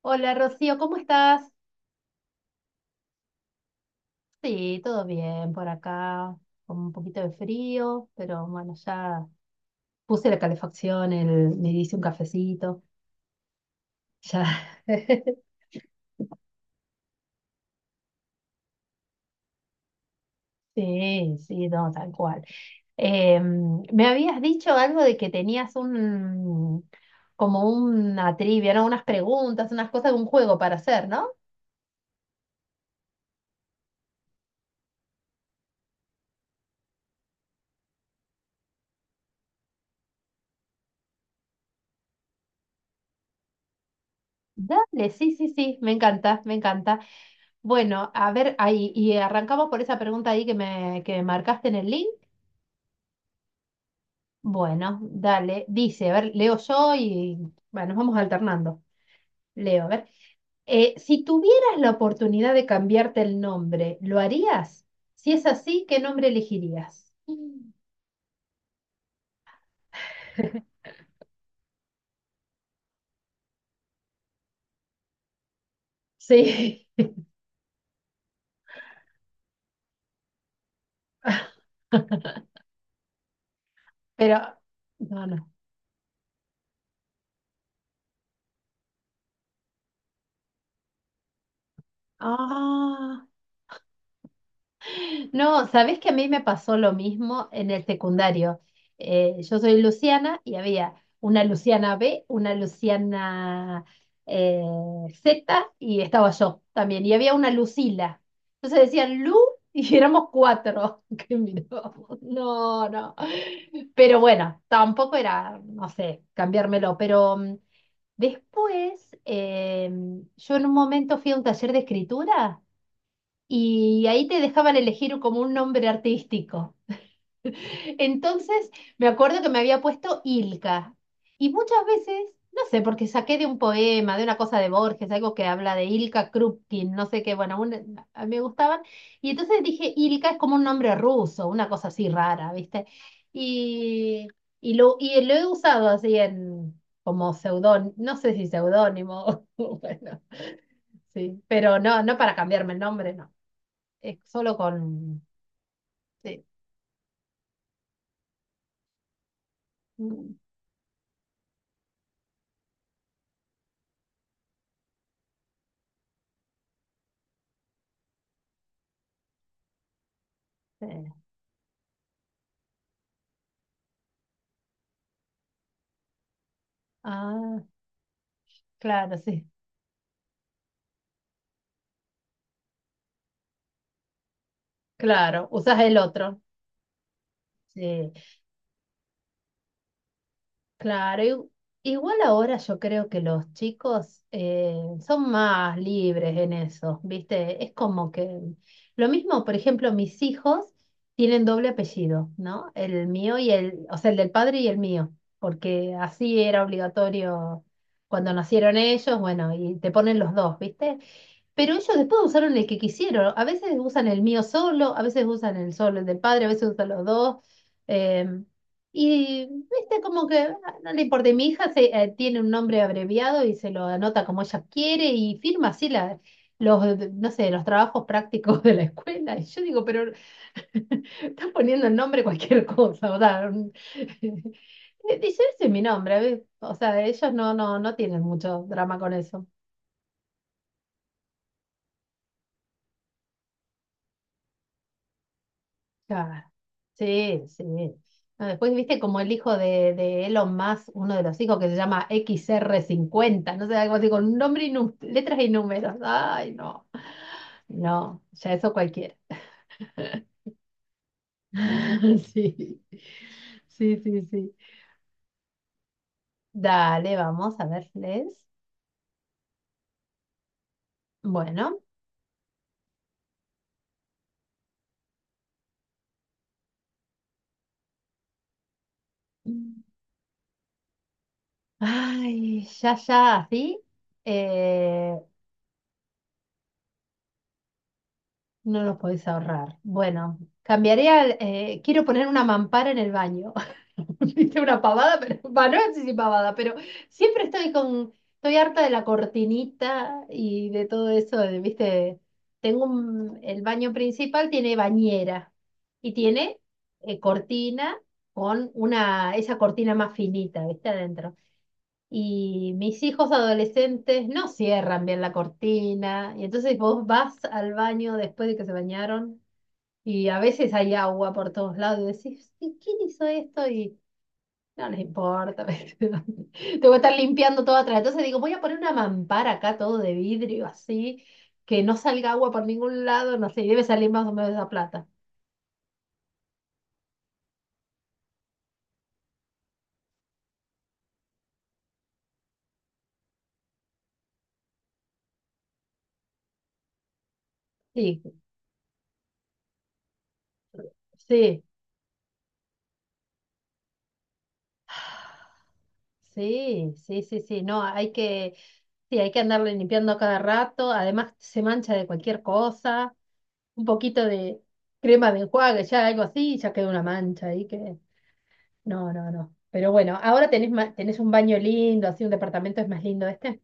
Hola Rocío, ¿cómo estás? Sí, todo bien por acá, con un poquito de frío, pero bueno, ya puse la calefacción, me hice un cafecito, ya. Sí, sí, no, tal cual. Me habías dicho algo de que tenías como una trivia, ¿no? Unas preguntas, unas cosas, un juego para hacer, ¿no? Dale, sí, sí, sí, me encanta, me encanta. Bueno, a ver, ahí, y arrancamos por esa pregunta ahí que me marcaste en el link. Bueno, dale. Dice, a ver, leo yo y bueno, nos vamos alternando. Leo, a ver. Si tuvieras la oportunidad de cambiarte el nombre, ¿lo harías? Si es así, ¿qué nombre elegirías? Mm. Sí. Pero, no, no. Ah. No, sabés que a mí me pasó lo mismo en el secundario. Yo soy Luciana y había una Luciana B, una Luciana eh, Z y estaba yo también. Y había una Lucila. Entonces decían Lu y éramos cuatro. Que mirábamos. No, no. Pero bueno, tampoco era, no sé, cambiármelo. Pero después, yo en un momento fui a un taller de escritura y ahí te dejaban elegir como un nombre artístico. Entonces, me acuerdo que me había puesto Ilka. Y muchas veces, no sé, porque saqué de un poema, de una cosa de Borges, algo que habla de Ilka Krupkin, no sé qué, bueno, a mí me gustaban. Y entonces dije, Ilka es como un nombre ruso, una cosa así rara, ¿viste? Y, y lo he usado así en, como seudónimo, no sé si seudónimo, bueno, sí, pero no, no para cambiarme el nombre, no solo con... sí, mm, eh, Ah, claro, sí. Claro, usas el otro. Sí, claro. Igual ahora yo creo que los chicos son más libres en eso, ¿viste? Es como que lo mismo, por ejemplo, mis hijos tienen doble apellido, ¿no? El mío y o sea, el del padre y el mío, porque así era obligatorio cuando nacieron ellos, bueno, y te ponen los dos, ¿viste? Pero ellos después usaron el que quisieron. A veces usan el mío solo, a veces usan el solo, el del padre, a veces usan los dos. em, y viste, como que no le importa. Y mi hija tiene un nombre abreviado y se lo anota como ella quiere y firma así no sé, los trabajos prácticos de la escuela. Y yo digo, pero estás poniendo el nombre cualquier cosa. O sea, dice, ese es mi nombre. ¿Ves? O sea, ellos no, no, no tienen mucho drama con eso. Claro. Sí, sí. No, después viste como el hijo de Elon Musk, uno de los hijos que se llama XR50 no sé, algo así con un nombre y letras y números. Ay, no, no, ya eso cualquiera. Sí, sí, sí, sí. Dale, vamos a verles. Bueno. Ay, ya, ya, así. No los podés ahorrar. Bueno, cambiaría, quiero poner una mampara en el baño. Viste una pavada, pero va, no sé si pavada, pero siempre estoy harta de la cortinita y de todo eso, de, viste, tengo el baño principal tiene bañera y tiene cortina con una, esa cortina más finita, viste, adentro. Y mis hijos adolescentes no cierran bien la cortina, y entonces vos vas al baño después de que se bañaron, y a veces hay agua por todos lados, y decís, "¿Y quién hizo esto? Y no les importa, ¿Viste? Te voy a estar limpiando todo atrás. Entonces digo, voy a poner una mampara acá, todo de vidrio, así, que no salga agua por ningún lado, no sé, y debe salir más o menos esa plata. Sí, sí. Sí, sí, sí, sí. No, hay que, sí, hay que andarle limpiando a cada rato. Además, se mancha de cualquier cosa. Un poquito de crema de enjuague, ya algo así, ya queda una mancha ahí que. No, no, no. Pero bueno, ahora tenés un baño lindo, así un departamento es más lindo este.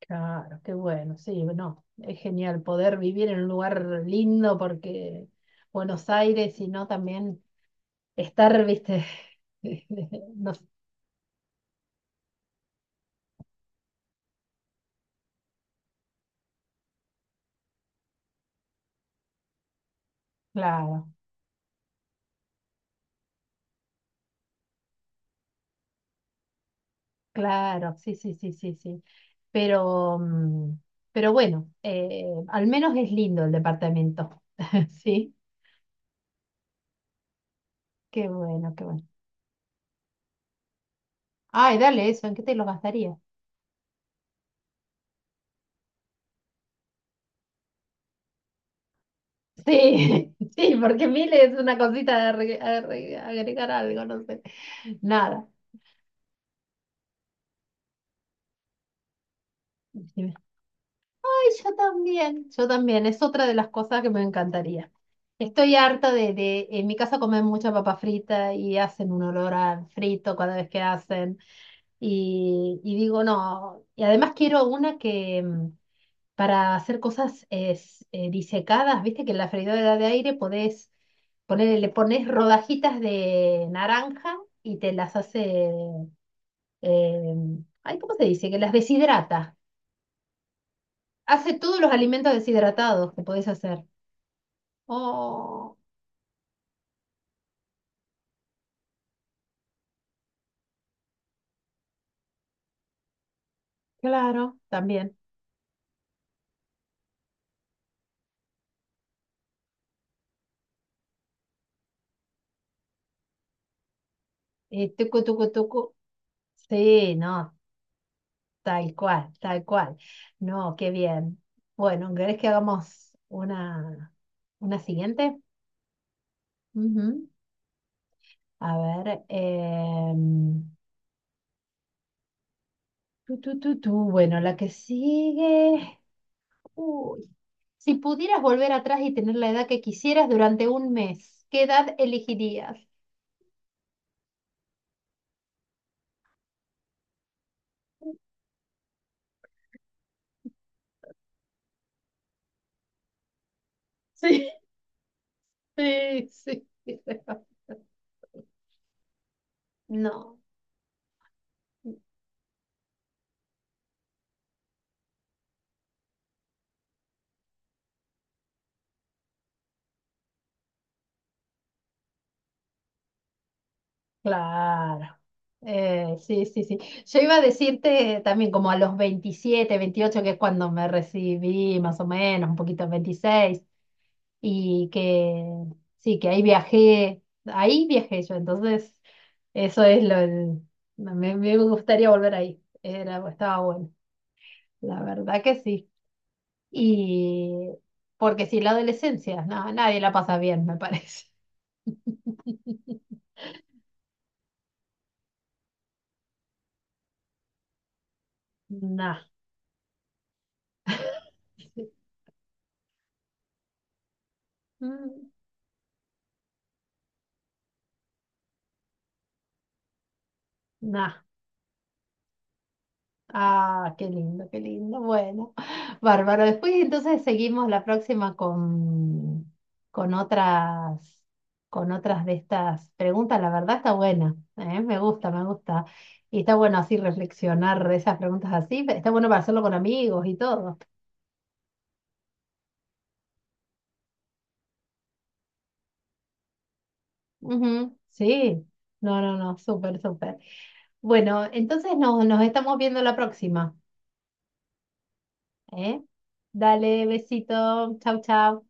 Claro, qué bueno, sí, no. Es genial poder vivir en un lugar lindo porque Buenos Aires, y no también estar, viste, no, claro. Claro, sí, sí, sí, sí, sí. Pero, mm, pero bueno, al menos es lindo el departamento. Sí, qué bueno, qué bueno. Ay, dale eso, ¿en qué te lo gastaría? Sí, sí, porque 1.000 es una cosita de agregar algo, no sé. Nada. Decime. Ay, yo también, es otra de las cosas que me encantaría. Estoy harta en mi casa comen mucha papa frita y hacen un olor a frito cada vez que hacen. Y digo, no, y además quiero una que para hacer cosas es, disecadas, viste que en la freidora de aire podés le pones rodajitas de naranja y te las hace, eh, ay, ¿cómo se dice? Que las deshidrata. Hace todos los alimentos deshidratados que podés hacer. Oh, claro, también. Tucu, tucu, tucu. Sí, no, tal cual, tal cual. No, qué bien. Bueno, ¿querés que hagamos una siguiente? Ujú. A ver. Em, tú tú tú tu. Bueno, la que sigue. Uy. Si pudieras volver atrás y tener la edad que quisieras durante un mes, ¿qué edad elegirías? Sí, sí, sí. No. Claro. Sí, sí, sí. Yo iba a decirte también como a los 27 28 que es cuando me recibí, más o menos, un poquito 26 y que sí, que ahí viajé yo, entonces eso es lo, el- me gustaría volver ahí. Estaba bueno, la verdad que sí. Y porque si la adolescencia, no, nadie la pasa bien, me parece. Nah. Mm, Nah. Ah, qué lindo, qué lindo. Bueno, bárbaro. Después entonces seguimos la próxima con, con otras, con otras de estas preguntas. La verdad está buena, ¿eh? Me gusta, me gusta. Y está bueno así reflexionar de esas preguntas así. Está bueno para hacerlo con amigos y todo. Ujú, sí. No, no, no, súper, súper. Bueno, entonces nos estamos viendo la próxima, ¿eh? Dale, besito. Chau, chau.